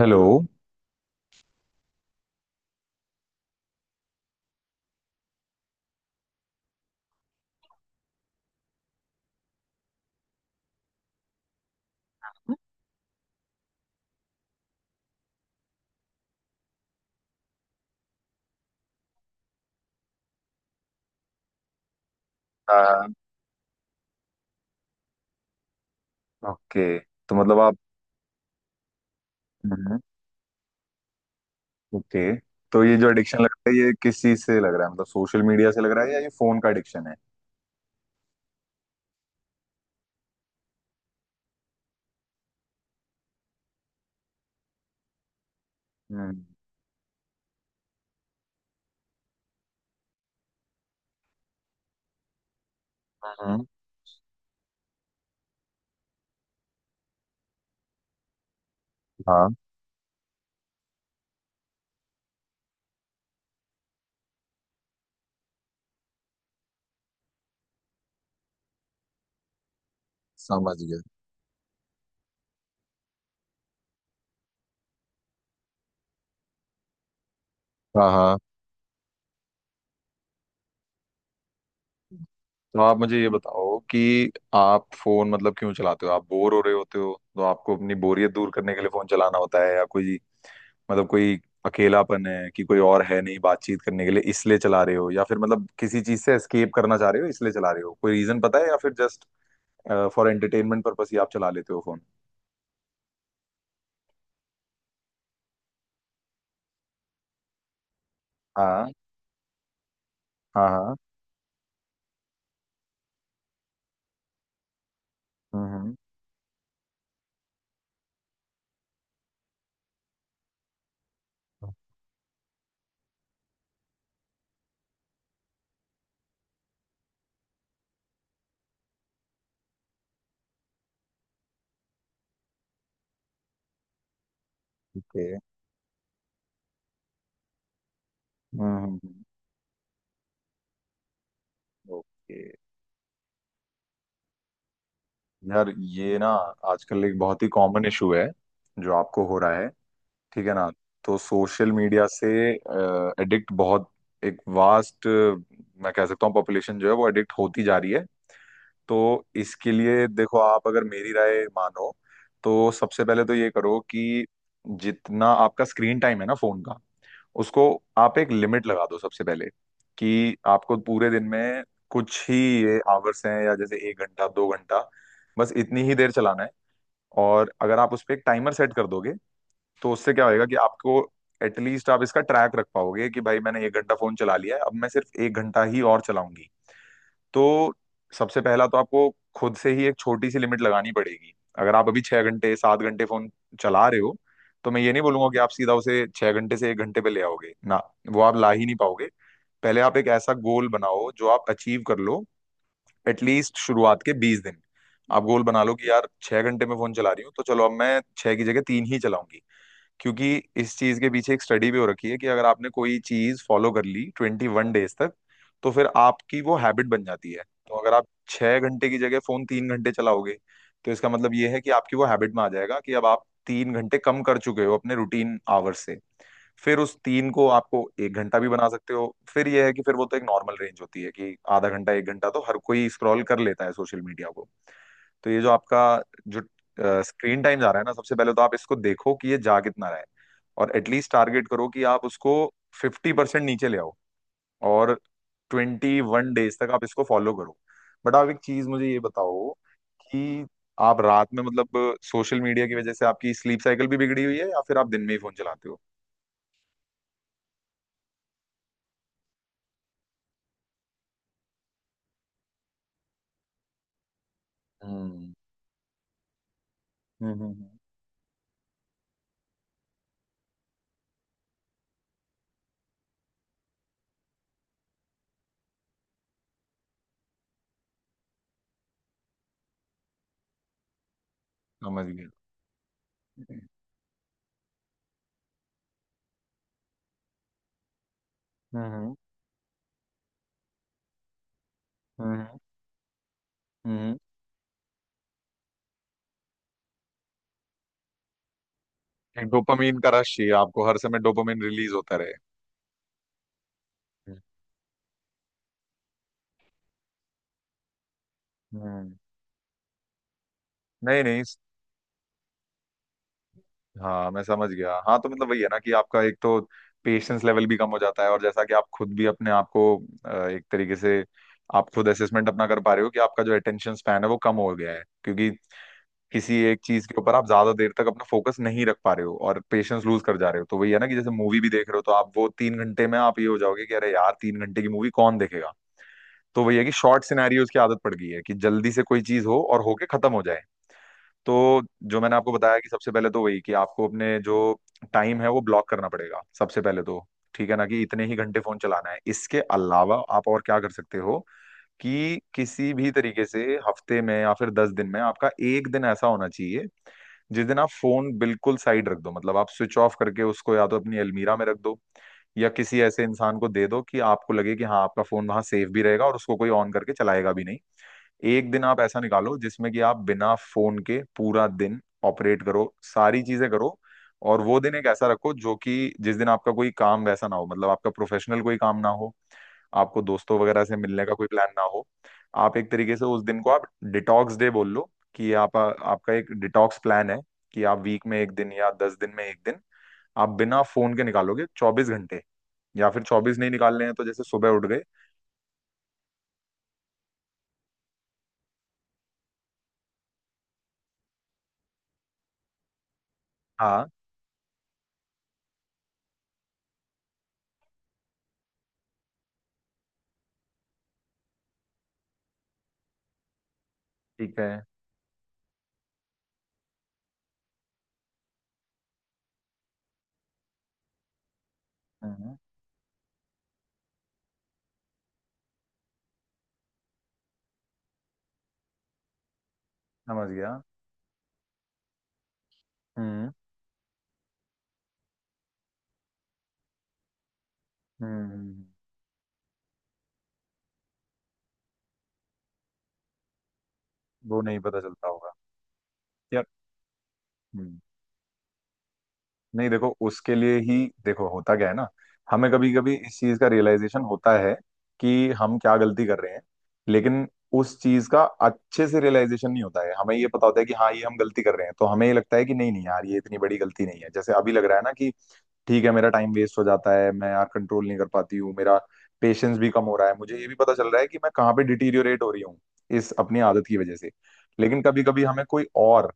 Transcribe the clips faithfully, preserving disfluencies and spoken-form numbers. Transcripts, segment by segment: Hello. Okay तो मतलब आप। हम्म, ओके। तो ये जो एडिक्शन लग रहा है ये किस चीज से लग रहा है, मतलब सोशल मीडिया से लग रहा है या ये फोन का एडिक्शन है? हम्म हम्म। हाँ, समझ गया। हाँ हाँ। तो आप मुझे ये बताओ कि आप फोन मतलब क्यों चलाते हो। आप बोर हो रहे होते हो तो आपको अपनी बोरियत दूर करने के लिए फोन चलाना होता है, या कोई मतलब कोई अकेलापन है कि कोई और है नहीं बातचीत करने के लिए इसलिए चला रहे हो, या फिर मतलब किसी चीज से एस्केप करना चाह रहे हो इसलिए चला रहे हो, कोई रीजन पता है, या फिर जस्ट फॉर एंटरटेनमेंट पर्पस ही आप चला लेते हो फोन? हाँ हाँ, हाँ हाँ। हम्म, ठीक है। हम्म हम्म। ओके। यार ये ना आजकल एक बहुत ही कॉमन इशू है जो आपको हो रहा है। ठीक है ना। तो सोशल मीडिया से एडिक्ट बहुत, एक वास्ट मैं कह सकता हूँ पॉपुलेशन जो है वो एडिक्ट होती जा रही है। तो इसके लिए देखो, आप अगर मेरी राय मानो तो सबसे पहले तो ये करो कि जितना आपका स्क्रीन टाइम है ना फोन का, उसको आप एक लिमिट लगा दो सबसे पहले, कि आपको पूरे दिन में कुछ ही ये आवर्स हैं, या जैसे एक घंटा दो घंटा बस इतनी ही देर चलाना है। और अगर आप उस पर एक टाइमर सेट कर दोगे तो उससे क्या होएगा कि आपको एटलीस्ट आप इसका ट्रैक रख पाओगे कि भाई मैंने एक घंटा फोन चला लिया है, अब मैं सिर्फ एक घंटा ही और चलाऊंगी। तो सबसे पहला तो आपको खुद से ही एक छोटी सी लिमिट लगानी पड़ेगी। अगर आप अभी छह घंटे सात घंटे फोन चला रहे हो तो मैं ये नहीं बोलूंगा कि आप सीधा उसे छह घंटे से एक घंटे पे ले आओगे ना, वो आप ला ही नहीं पाओगे। पहले आप एक ऐसा गोल बनाओ जो आप अचीव कर लो। एटलीस्ट शुरुआत के बीस दिन आप गोल बना लो कि यार छह घंटे में फोन चला रही हूँ तो चलो अब मैं छह की जगह तीन ही चलाऊंगी। क्योंकि इस चीज के पीछे एक स्टडी भी हो रखी है कि अगर आपने कोई चीज फॉलो कर ली ट्वेंटी वन डेज तक तो फिर आपकी वो हैबिट बन जाती है। तो अगर आप छह घंटे की जगह फोन तीन घंटे चलाओगे तो इसका मतलब ये है कि आपकी वो हैबिट में आ जाएगा कि अब आप तीन घंटे कम कर चुके हो अपने रूटीन आवर्स से। फिर उस तीन को आपको एक घंटा भी बना सकते हो। फिर यह है कि फिर वो तो एक नॉर्मल रेंज होती है कि आधा घंटा एक घंटा तो हर कोई स्क्रॉल कर लेता है सोशल मीडिया को। तो ये जो आपका जो स्क्रीन टाइम जा रहा है ना, सबसे पहले तो आप इसको देखो कि ये जा कितना रहा है। और एटलीस्ट टारगेट करो कि आप उसको फिफ्टी परसेंट नीचे ले आओ, और ट्वेंटी वन डेज तक आप इसको फॉलो करो। बट आप एक चीज मुझे ये बताओ कि आप रात में मतलब सोशल मीडिया की वजह से आपकी स्लीप साइकिल भी बिगड़ी हुई है या फिर आप दिन में ही फोन चलाते हो? हम्म हम्म हम्म हम्म। समझ गया। हम्म हम्म हम्म हम्म। एक डोपामीन का रश चाहिए आपको, हर समय डोपामीन रिलीज होता रहे। हम्म। नहीं नहीं। हाँ, मैं समझ गया। हाँ तो मतलब वही है ना कि आपका एक तो पेशेंस लेवल भी कम हो जाता है, और जैसा कि आप खुद भी अपने आप को अ, एक तरीके से आप खुद असेसमेंट अपना कर पा रहे हो कि आपका जो अटेंशन स्पैन है वो कम हो गया है, क्योंकि किसी एक चीज के ऊपर आप ज्यादा देर तक अपना फोकस नहीं रख पा रहे हो और पेशेंस लूज कर जा रहे हो। तो वही है ना कि जैसे मूवी भी देख रहे हो तो आप वो तीन घंटे में आप ये हो जाओगे कि अरे यार तीन घंटे की मूवी कौन देखेगा। तो वही है कि शॉर्ट सिनेरियोज की आदत पड़ गई है कि जल्दी से कोई चीज हो और होके खत्म हो जाए। तो जो मैंने आपको बताया कि सबसे पहले तो वही कि आपको अपने जो टाइम है वो ब्लॉक करना पड़ेगा सबसे पहले तो। ठीक है ना, कि इतने ही घंटे फोन चलाना है। इसके अलावा आप और क्या कर सकते हो कि किसी भी तरीके से हफ्ते में या फिर दस दिन में आपका एक दिन ऐसा होना चाहिए जिस दिन आप फोन बिल्कुल साइड रख दो। मतलब आप स्विच ऑफ करके उसको या तो अपनी अलमीरा में रख दो, या किसी ऐसे इंसान को दे दो कि आपको लगे कि हाँ आपका फोन वहां सेफ भी रहेगा और उसको कोई ऑन करके चलाएगा भी नहीं। एक दिन आप ऐसा निकालो जिसमें कि आप बिना फोन के पूरा दिन ऑपरेट करो, सारी चीजें करो। और वो दिन एक ऐसा रखो जो कि जिस दिन आपका कोई काम वैसा ना हो, मतलब आपका प्रोफेशनल कोई काम ना हो, आपको दोस्तों वगैरह से मिलने का कोई प्लान ना हो। आप एक तरीके से उस दिन को आप डिटॉक्स डे बोल लो, कि आप आपका एक डिटॉक्स प्लान है कि आप वीक में एक दिन या दस दिन में एक दिन आप बिना फोन के निकालोगे चौबीस घंटे। या फिर चौबीस नहीं निकालने हैं तो जैसे सुबह उठ गए। हाँ, ठीक है। हम्म, समझ गया। हम्म हम्म। वो नहीं पता चलता होगा यार। हम्म। नहीं देखो, उसके लिए ही देखो होता क्या है ना, हमें कभी कभी इस चीज का रियलाइजेशन होता है कि हम क्या गलती कर रहे हैं, लेकिन उस चीज का अच्छे से रियलाइजेशन नहीं होता है। हमें ये पता होता है कि हाँ ये हम गलती कर रहे हैं तो हमें ये लगता है कि नहीं नहीं यार ये इतनी बड़ी गलती नहीं है। जैसे अभी लग रहा है ना कि ठीक है मेरा टाइम वेस्ट हो जाता है, मैं यार कंट्रोल नहीं कर पाती हूँ, मेरा पेशेंस भी कम हो रहा है, मुझे ये भी पता चल रहा है कि मैं कहाँ पे डिटीरियोरेट हो रही हूँ इस अपनी आदत की वजह से। लेकिन कभी कभी हमें कोई और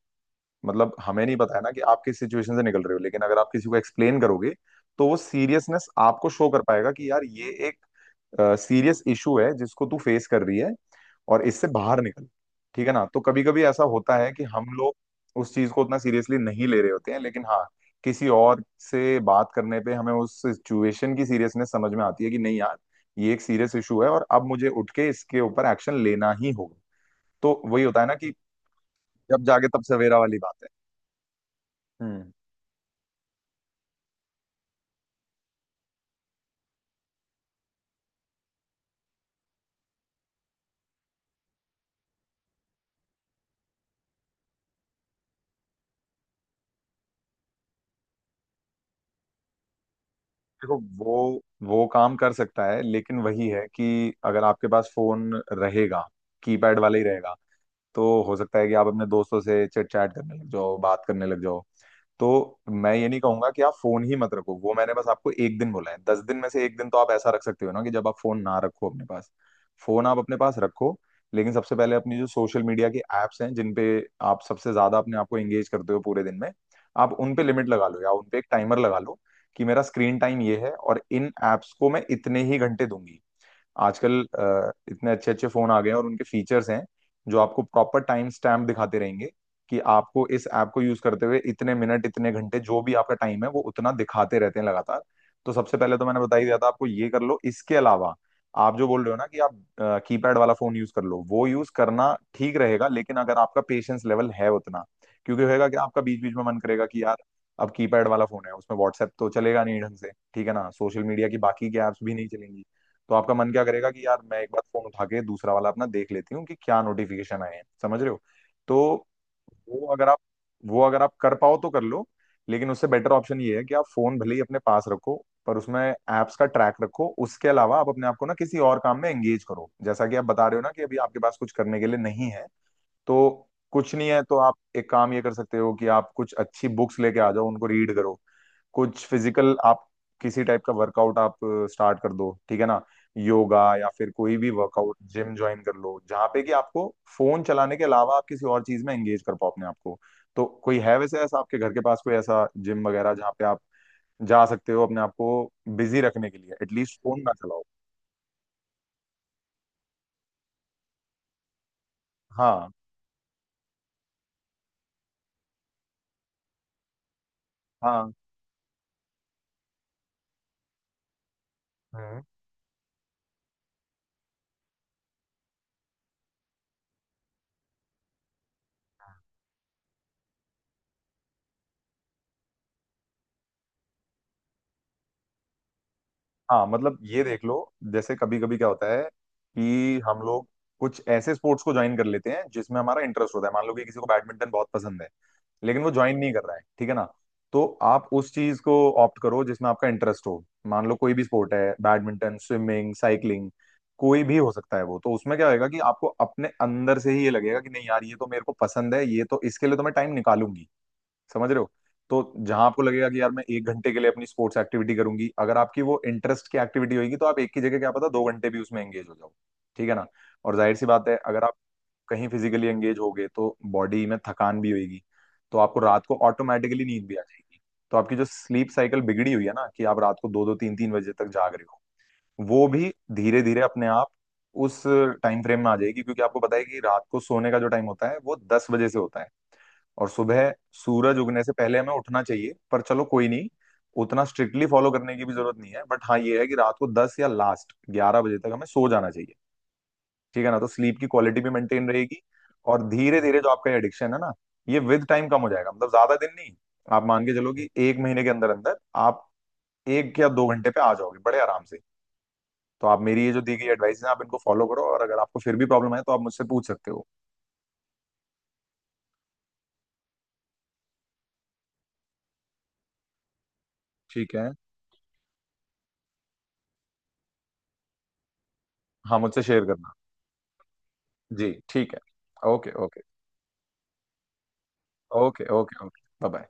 मतलब हमें नहीं पता है ना कि आप किस सिचुएशन से निकल रहे हो, लेकिन अगर आप किसी को एक्सप्लेन करोगे तो वो सीरियसनेस आपको शो कर पाएगा कि यार ये एक सीरियस इशू है जिसको तू फेस कर रही है, और इससे बाहर निकल। ठीक है ना। तो कभी कभी ऐसा होता है कि हम लोग उस चीज को उतना सीरियसली नहीं ले रहे होते हैं, लेकिन हाँ किसी और से बात करने पे हमें उस सिचुएशन की सीरियसनेस समझ में आती है कि नहीं यार ये एक सीरियस इशू है और अब मुझे उठ के इसके ऊपर एक्शन लेना ही होगा। तो वही होता है ना कि जब जागे तब सवेरा वाली बात है। हम्म। देखो, वो वो काम कर सकता है लेकिन वही है कि अगर आपके पास फोन रहेगा कीपैड वाला ही रहेगा तो हो सकता है कि आप अपने दोस्तों से चिट चैट करने लग जाओ, बात करने लग जाओ। तो मैं ये नहीं कहूंगा कि आप फोन ही मत रखो, वो मैंने बस आपको एक दिन बोला है, दस दिन में से एक दिन तो आप ऐसा रख सकते हो ना कि जब आप फोन ना रखो अपने पास। फोन आप अपने पास रखो, लेकिन सबसे पहले अपनी जो सोशल मीडिया के एप्स हैं जिन पे आप सबसे ज्यादा अपने आप को एंगेज करते हो पूरे दिन में, आप उन पे लिमिट लगा लो या उन पे एक टाइमर लगा लो कि मेरा स्क्रीन टाइम ये है और इन एप्स को मैं इतने ही घंटे दूंगी। आजकल अ, इतने अच्छे अच्छे फोन आ गए हैं और उनके फीचर्स हैं जो आपको प्रॉपर टाइम स्टैम्प दिखाते रहेंगे कि आपको इस ऐप को यूज करते हुए इतने मिनट इतने घंटे जो भी आपका टाइम है वो उतना दिखाते रहते हैं लगातार। तो सबसे पहले तो मैंने बता ही दिया था आपको, ये कर लो। इसके अलावा आप जो बोल रहे हो ना कि आप कीपैड वाला फोन यूज कर लो, वो यूज करना ठीक रहेगा लेकिन अगर आपका पेशेंस लेवल है उतना। क्योंकि होएगा कि आपका बीच बीच में मन करेगा कि यार अब कीपैड वाला फोन है उसमें व्हाट्सएप तो चलेगा नहीं ढंग से, ठीक है ना, सोशल मीडिया की बाकी के ऐप्स भी नहीं चलेंगी। तो आपका मन क्या करेगा कि यार मैं एक बार फोन उठा के दूसरा वाला अपना देख लेती हूँ कि क्या नोटिफिकेशन आए हैं, समझ रहे हो। तो वो अगर आप वो अगर आप कर पाओ तो कर लो। लेकिन उससे बेटर ऑप्शन ये है कि आप फोन भले ही अपने पास रखो पर उसमें एप्स का ट्रैक रखो। उसके अलावा आप अपने आप को ना किसी और काम में एंगेज करो, जैसा कि आप बता रहे हो ना कि अभी आपके पास कुछ करने के लिए नहीं है। तो कुछ नहीं है तो आप एक काम ये कर सकते हो कि आप कुछ अच्छी बुक्स लेके आ जाओ, उनको रीड करो। कुछ फिजिकल आप किसी टाइप का वर्कआउट आप स्टार्ट कर दो। ठीक है ना। योगा या फिर कोई भी वर्कआउट जिम ज्वाइन कर लो जहाँ पे कि आपको फोन चलाने के अलावा आप किसी और चीज में एंगेज कर पाओ अपने आप को। तो कोई है वैसे ऐसा आपके घर के पास कोई ऐसा जिम वगैरह जहाँ पे आप जा सकते हो, अपने आप को बिजी रखने के लिए एटलीस्ट फोन ना चलाओ। हाँ हाँ। हम्म। हाँ मतलब ये देख लो, जैसे कभी कभी क्या होता है कि हम लोग कुछ ऐसे स्पोर्ट्स को ज्वाइन कर लेते हैं जिसमें हमारा इंटरेस्ट होता है। मान लो कि किसी को बैडमिंटन बहुत पसंद है लेकिन वो ज्वाइन नहीं कर रहा है। ठीक है ना। तो आप उस चीज को ऑप्ट करो जिसमें आपका इंटरेस्ट हो। मान लो कोई भी स्पोर्ट है, बैडमिंटन स्विमिंग साइकिलिंग, कोई भी हो सकता है। वो तो उसमें क्या होएगा कि आपको अपने अंदर से ही ये लगेगा कि नहीं यार ये तो मेरे को पसंद है, ये तो इसके लिए तो मैं टाइम निकालूंगी। समझ रहे हो। तो जहां आपको लगेगा कि यार मैं एक घंटे के लिए अपनी स्पोर्ट्स एक्टिविटी करूंगी, अगर आपकी वो इंटरेस्ट की एक्टिविटी होगी तो आप एक की जगह क्या पता दो घंटे भी उसमें एंगेज हो जाओ। ठीक है ना। और जाहिर सी बात है अगर आप कहीं फिजिकली एंगेज हो गए तो बॉडी में थकान भी होगी, तो आपको रात को ऑटोमेटिकली नींद भी आ जाएगी। तो आपकी जो स्लीप साइकिल बिगड़ी हुई है ना कि आप रात को दो दो तीन तीन बजे तक जाग रहे हो, वो भी धीरे धीरे अपने आप उस टाइम फ्रेम में आ जाएगी, क्योंकि आपको पता है कि रात को सोने का जो टाइम होता है वो दस बजे से होता है, और सुबह सूरज उगने से पहले हमें उठना चाहिए। पर चलो कोई नहीं, उतना स्ट्रिक्टली फॉलो करने की भी जरूरत नहीं है, बट हाँ ये है कि रात को दस या लास्ट ग्यारह बजे तक हमें सो जाना चाहिए। ठीक है ना। तो स्लीप की क्वालिटी भी मेंटेन रहेगी। और धीरे धीरे जो आपका एडिक्शन है ना, ये विद टाइम कम हो जाएगा, मतलब ज्यादा दिन नहीं। आप मान के चलो कि एक महीने के अंदर अंदर आप एक या दो घंटे पे आ जाओगे बड़े आराम से। तो आप मेरी ये जो दी गई एडवाइस है आप इनको फॉलो करो, और अगर आपको फिर भी प्रॉब्लम है तो आप मुझसे पूछ सकते हो। ठीक है। हाँ, मुझसे शेयर करना। जी ठीक है। Okay okay. Okay okay okay. Bye bye.